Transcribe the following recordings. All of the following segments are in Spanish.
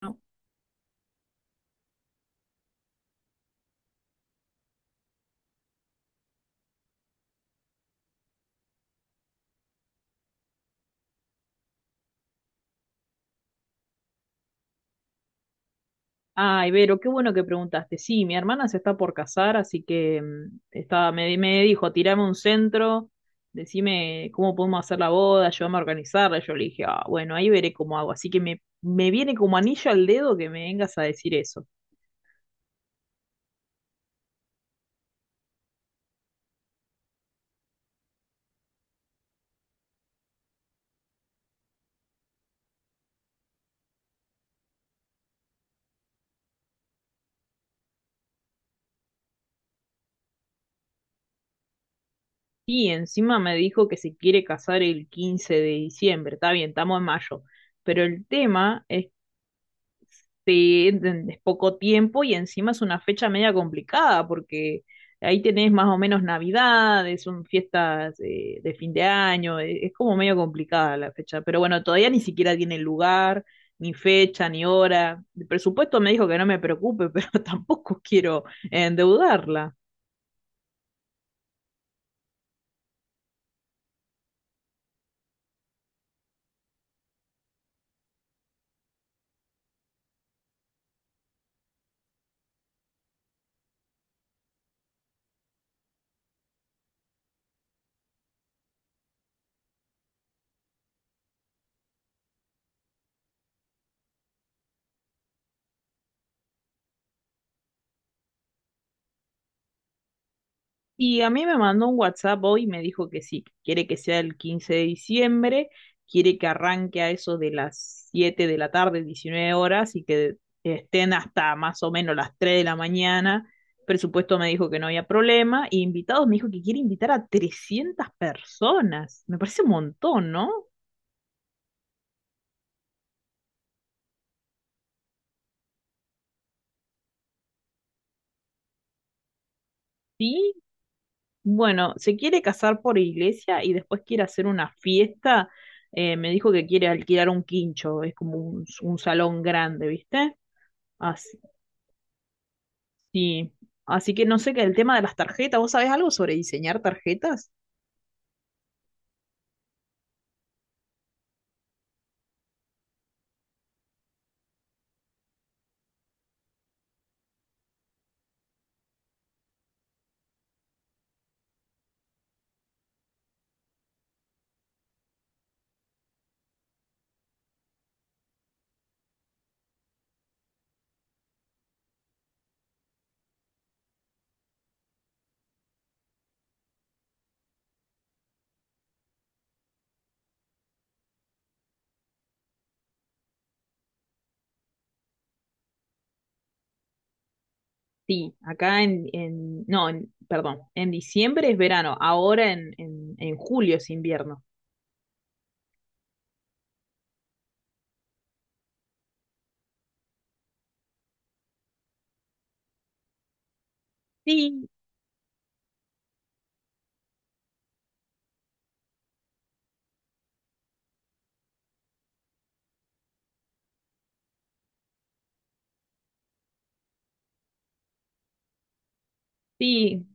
¿No? Ay, Vero, qué bueno que preguntaste. Sí, mi hermana se está por casar, así que estaba, me dijo, tirame un centro, decime cómo podemos hacer la boda, ayúdame a organizarla. Yo le dije, ah, bueno, ahí veré cómo hago. Así que me viene como anillo al dedo que me vengas a decir eso. Y encima me dijo que se quiere casar el 15 de diciembre. Está bien, estamos en mayo. Pero el tema es. Sí, es poco tiempo y encima es una fecha media complicada porque ahí tenés más o menos Navidades, son fiestas de fin de año, es como medio complicada la fecha, pero bueno, todavía ni siquiera tiene lugar, ni fecha, ni hora. El presupuesto me dijo que no me preocupe, pero tampoco quiero endeudarla. Y a mí me mandó un WhatsApp hoy y me dijo que sí, que quiere que sea el 15 de diciembre, quiere que arranque a eso de las 7 de la tarde, 19 horas, y que estén hasta más o menos las 3 de la mañana. Presupuesto me dijo que no había problema, y invitados me dijo que quiere invitar a 300 personas. Me parece un montón, ¿no? Sí, bueno, se quiere casar por iglesia y después quiere hacer una fiesta. Me dijo que quiere alquilar un quincho, es como un salón grande, ¿viste? Así, sí. Así que no sé qué, el tema de las tarjetas, ¿vos sabés algo sobre diseñar tarjetas? Sí, acá en- no, en- perdón, en diciembre es verano, ahora en julio es invierno. Sí, sí.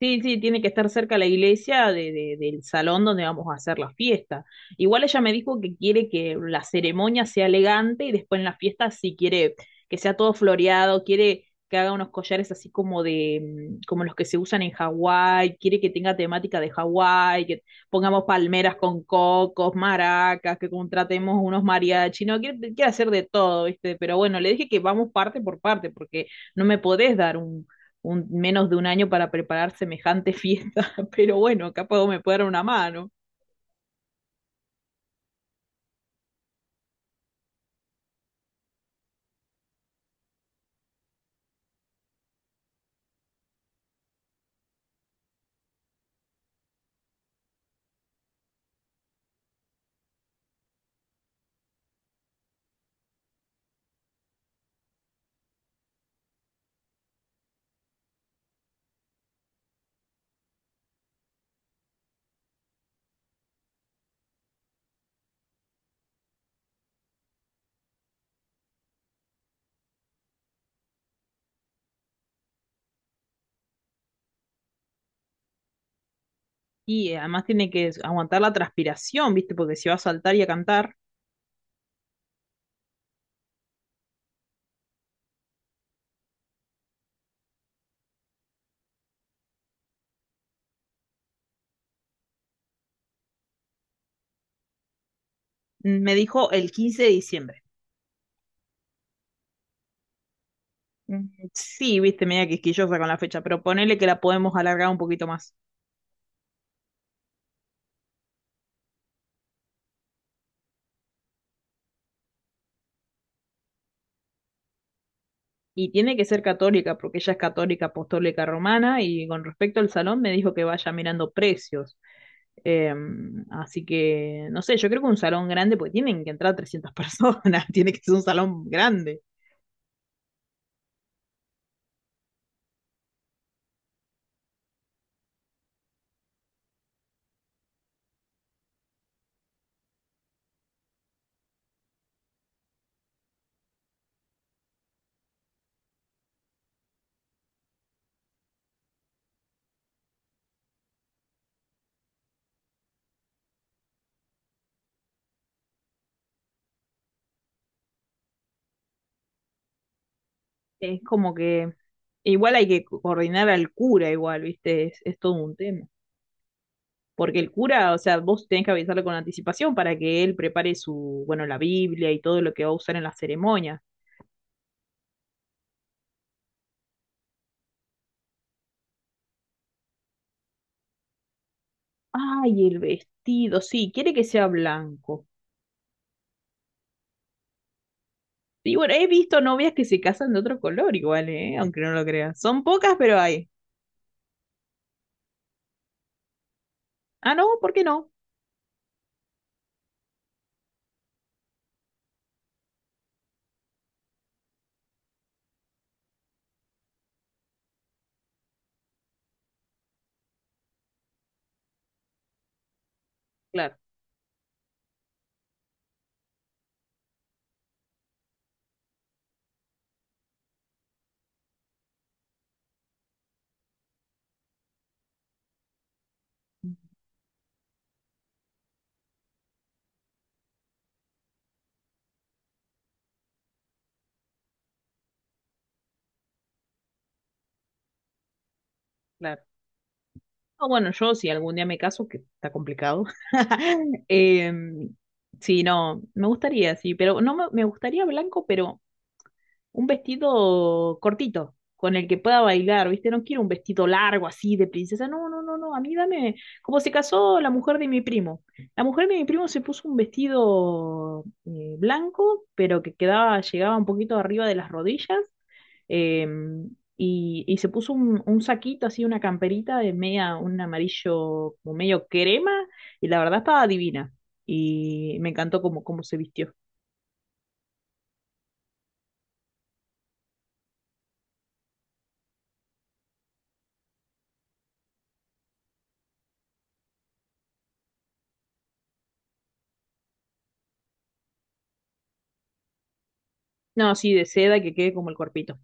Sí, sí, tiene que estar cerca la iglesia del salón donde vamos a hacer la fiesta. Igual ella me dijo que quiere que la ceremonia sea elegante y después en la fiesta sí quiere que sea todo floreado, quiere que haga unos collares así como de, mm, como los que se usan en Hawái, quiere que tenga temática de Hawái, que pongamos palmeras con cocos, maracas, que contratemos unos mariachi, no, quiere hacer de todo, ¿viste? Pero bueno, le dije que vamos parte por parte porque no me podés dar un, menos de un año para preparar semejante fiesta, pero bueno, acá puedo, me puede dar una mano. Y además tiene que aguantar la transpiración, ¿viste? Porque se va a saltar y a cantar. Mm, me dijo el 15 de diciembre. Mm, sí, viste, media quisquillosa con la fecha, pero ponele que la podemos alargar un poquito más. Y tiene que ser católica, porque ella es católica apostólica romana, y con respecto al salón me dijo que vaya mirando precios. Así que, no sé, yo creo que un salón grande, porque tienen que entrar 300 personas, tiene que ser un salón grande. Es como que igual hay que coordinar al cura, igual, ¿viste? Es todo un tema. Porque el cura, o sea, vos tenés que avisarle con anticipación para que él prepare su, bueno, la Biblia y todo lo que va a usar en la ceremonia. Ay, el vestido, sí, quiere que sea blanco. Y bueno, he visto novias que se casan de otro color igual, ¿eh? Aunque no lo creas. Son pocas, pero hay. Ah, no, ¿por qué no? Claro, claro. No, bueno, yo si algún día me caso, que está complicado. em, sí, no, me gustaría, sí, pero no me, me gustaría blanco, pero un vestido cortito, con el que pueda bailar, ¿viste? No quiero un vestido largo así de princesa. No, no, no, no. A mí dame, como se casó la mujer de mi primo. La mujer de mi primo se puso un vestido blanco, pero que quedaba, llegaba un poquito arriba de las rodillas. eh, y, y se puso un saquito así, una camperita de media, un amarillo como medio crema, y la verdad estaba divina. Y me encantó cómo se vistió. No, sí, de seda que quede como el cuerpito.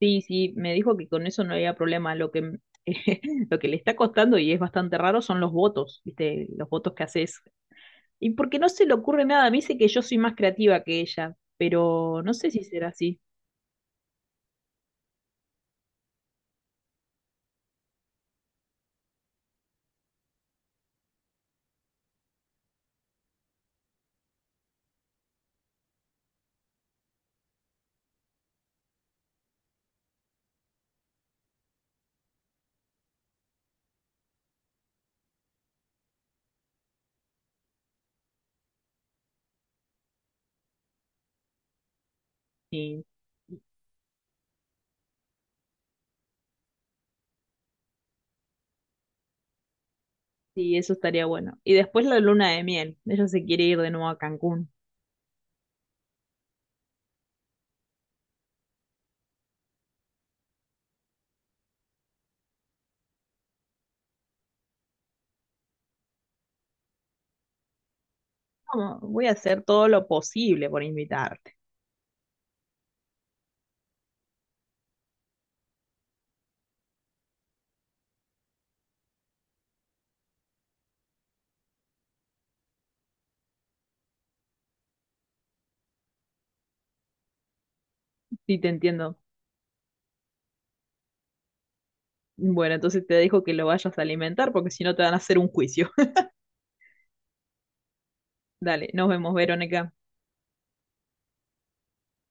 Sí, sí, me dijo que con eso no había problema. Lo que le está costando y es bastante raro son los votos, ¿viste? Los votos que haces. Y porque no se le ocurre nada, me dice que yo soy más creativa que ella, pero no sé si será así. Sí. Sí, eso estaría bueno. Y después la luna de miel. Ella se quiere ir de nuevo a Cancún. Como, voy a hacer todo lo posible por invitarte. Sí, te entiendo. Bueno, entonces te dejo que lo vayas a alimentar porque si no te van a hacer un juicio. Dale, nos vemos, Verónica.